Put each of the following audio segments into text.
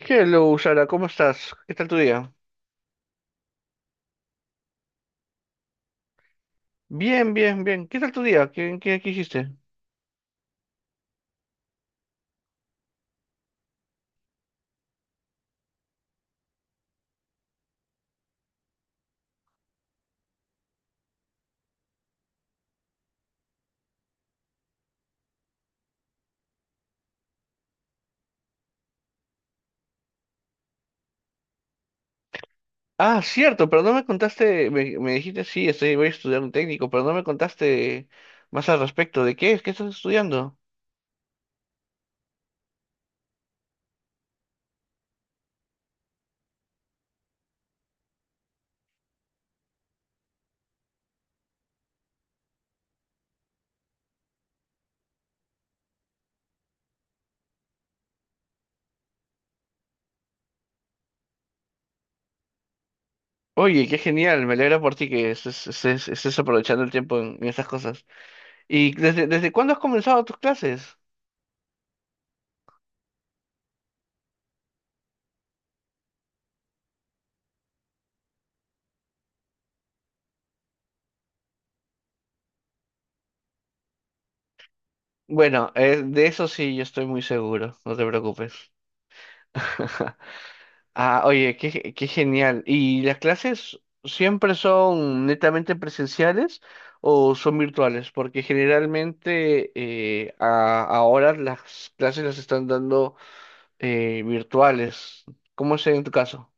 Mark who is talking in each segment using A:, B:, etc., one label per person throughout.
A: Hello, Sara, ¿cómo estás? ¿Qué tal tu día? Bien, bien, bien. ¿Qué tal tu día? ¿Qué hiciste? Ah, cierto, pero no me contaste, me dijiste, sí, estoy, voy a estudiar un técnico, pero no me contaste más al respecto. ¿De qué es? ¿Qué estás estudiando? Oye, qué genial, me alegra por ti que estés aprovechando el tiempo en estas cosas. ¿Y desde cuándo has comenzado tus clases? Bueno, de eso sí, yo estoy muy seguro, no te preocupes. Ah, oye, qué genial. ¿Y las clases siempre son netamente presenciales o son virtuales? Porque generalmente ahora las clases las están dando virtuales. ¿Cómo es en tu caso?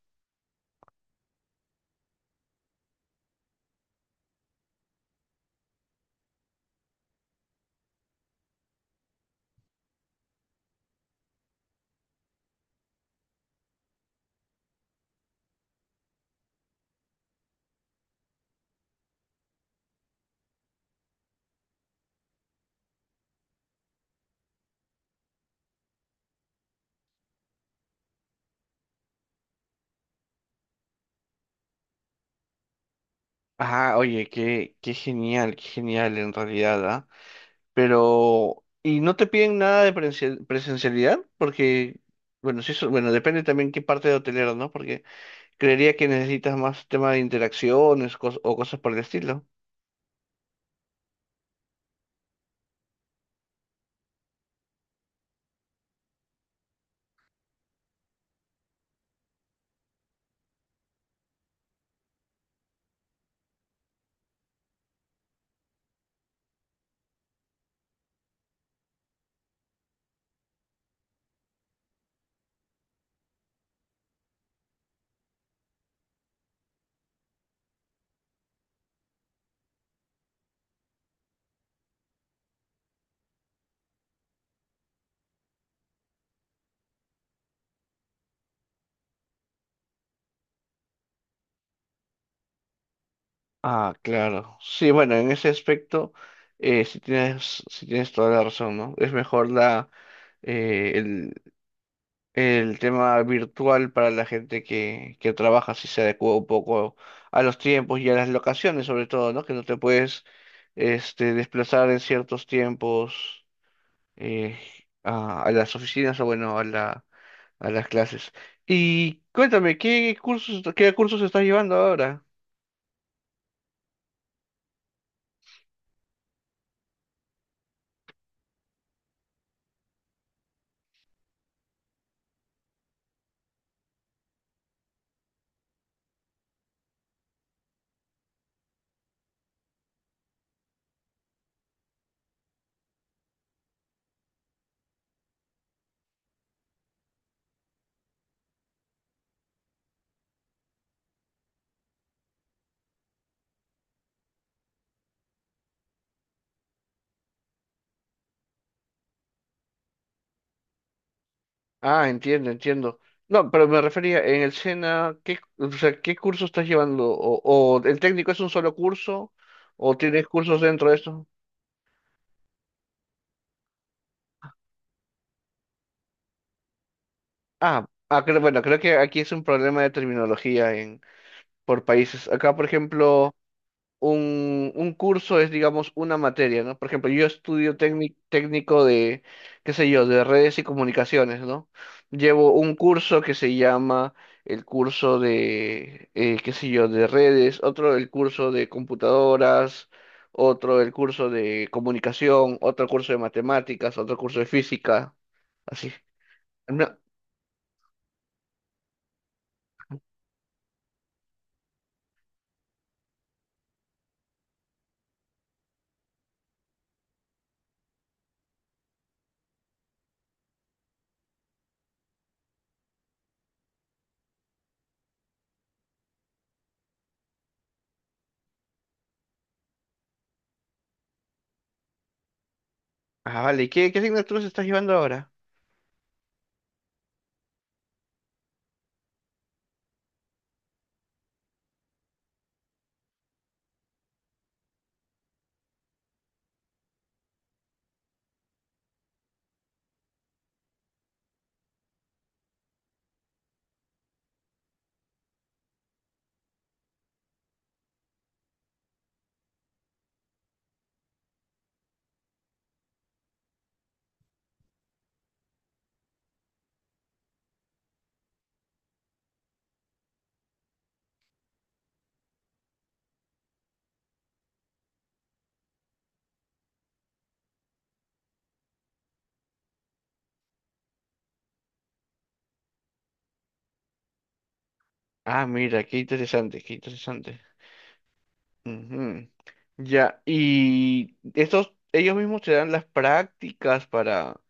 A: Ah, oye, qué genial, qué genial en realidad, ¿ah? Pero, ¿y no te piden nada de presencialidad? Porque, bueno, sí, bueno, depende también qué parte de hotelero, ¿no? Creería que necesitas más tema de interacciones o cosas por el estilo. Ah, claro. Sí, bueno, en ese aspecto sí tienes toda la razón, ¿no? Es mejor eh, el, el tema virtual para la gente que trabaja, si se adecua un poco a los tiempos y a las locaciones, sobre todo, ¿no? Que no te puedes este, desplazar en ciertos tiempos eh, a las oficinas o, bueno, a las clases. Y cuéntame, ¿qué cursos estás llevando ahora? Ah, entiendo, entiendo. No, pero me refería en el SENA, o sea, ¿qué curso estás llevando? O el técnico es un solo curso? ¿O tienes cursos dentro de eso? Bueno, creo que aquí es un problema de terminología en, por países. Acá, por ejemplo, un curso es, digamos, una materia, ¿no? Por ejemplo, yo estudio técnico de, qué sé yo, de redes y comunicaciones, ¿no? Llevo un curso que se llama el curso de, qué sé yo, de redes, otro el curso de computadoras, otro el curso de comunicación, otro curso de matemáticas, otro curso de física, así. No, ah, vale, ¿qué asignaturas estás llevando ahora? Ah, mira, qué interesante, qué interesante. Ujú. Ya, y estos, ellos mismos te dan las prácticas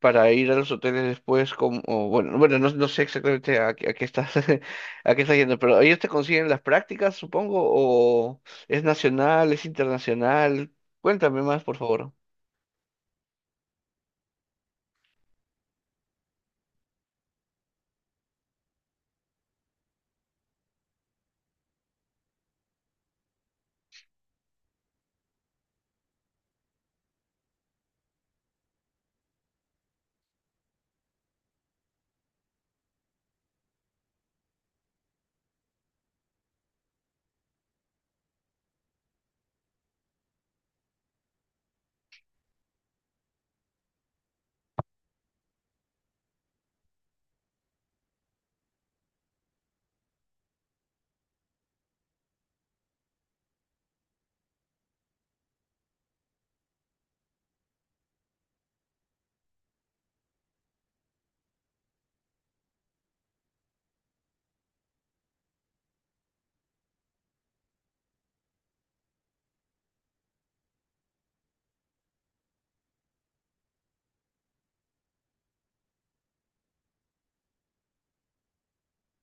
A: para ir a los hoteles después, como, no, no sé exactamente a qué estás, a qué estás yendo, pero ellos te consiguen las prácticas, supongo, o es nacional, es internacional. Cuéntame más, por favor.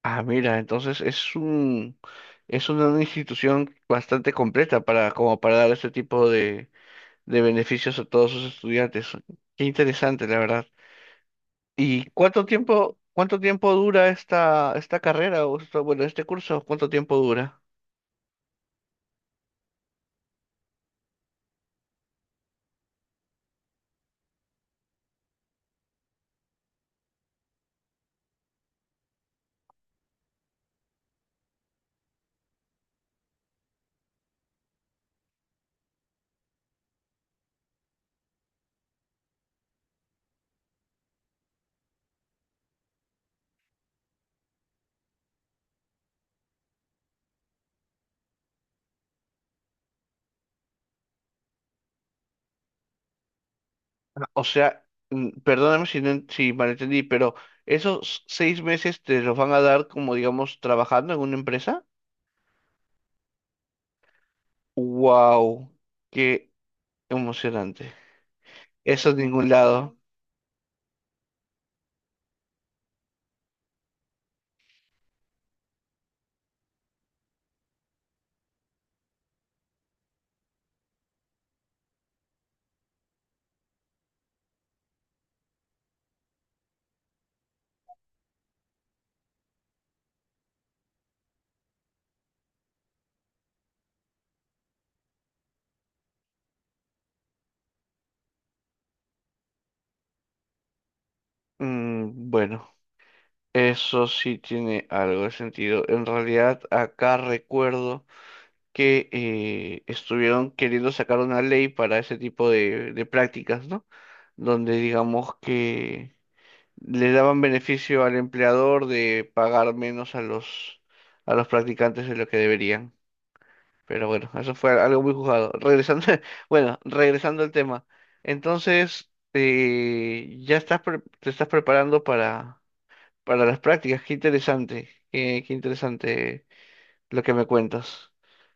A: Ah, mira, entonces es una institución bastante completa para, como para dar este tipo de beneficios a todos sus estudiantes. Qué interesante, la verdad. ¿Y cuánto tiempo dura esta carrera bueno, este curso? ¿Cuánto tiempo dura? O sea, perdóname si, si malentendí, pero ¿esos seis meses te los van a dar como, digamos, trabajando en una empresa? ¡Wow! ¡Qué emocionante! Eso en ningún lado. Mm, bueno, eso sí tiene algo de sentido. En realidad, acá recuerdo que estuvieron queriendo sacar una ley para ese tipo de prácticas, ¿no? Donde digamos que le daban beneficio al empleador de pagar menos a los practicantes de lo que deberían. Pero bueno, eso fue algo muy juzgado. Regresando, bueno, regresando al tema. Entonces, ya estás te estás preparando para las prácticas. Qué interesante, qué interesante lo que me cuentas.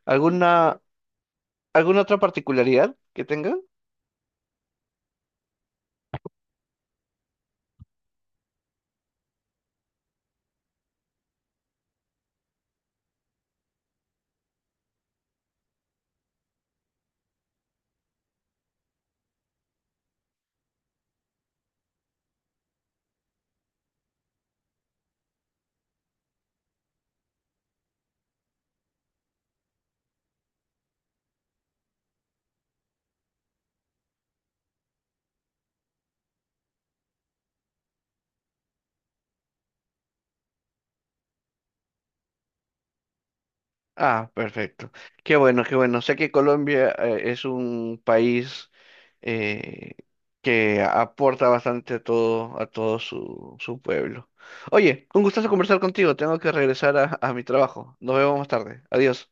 A: ¿Alguna ¿Alguna otra particularidad que tenga? Ah, perfecto. Qué bueno, qué bueno. Sé que Colombia es un país eh, que aporta bastante a todo su pueblo. Oye, un gustazo conversar contigo. Tengo que regresar a mi trabajo. Nos vemos más tarde. Adiós.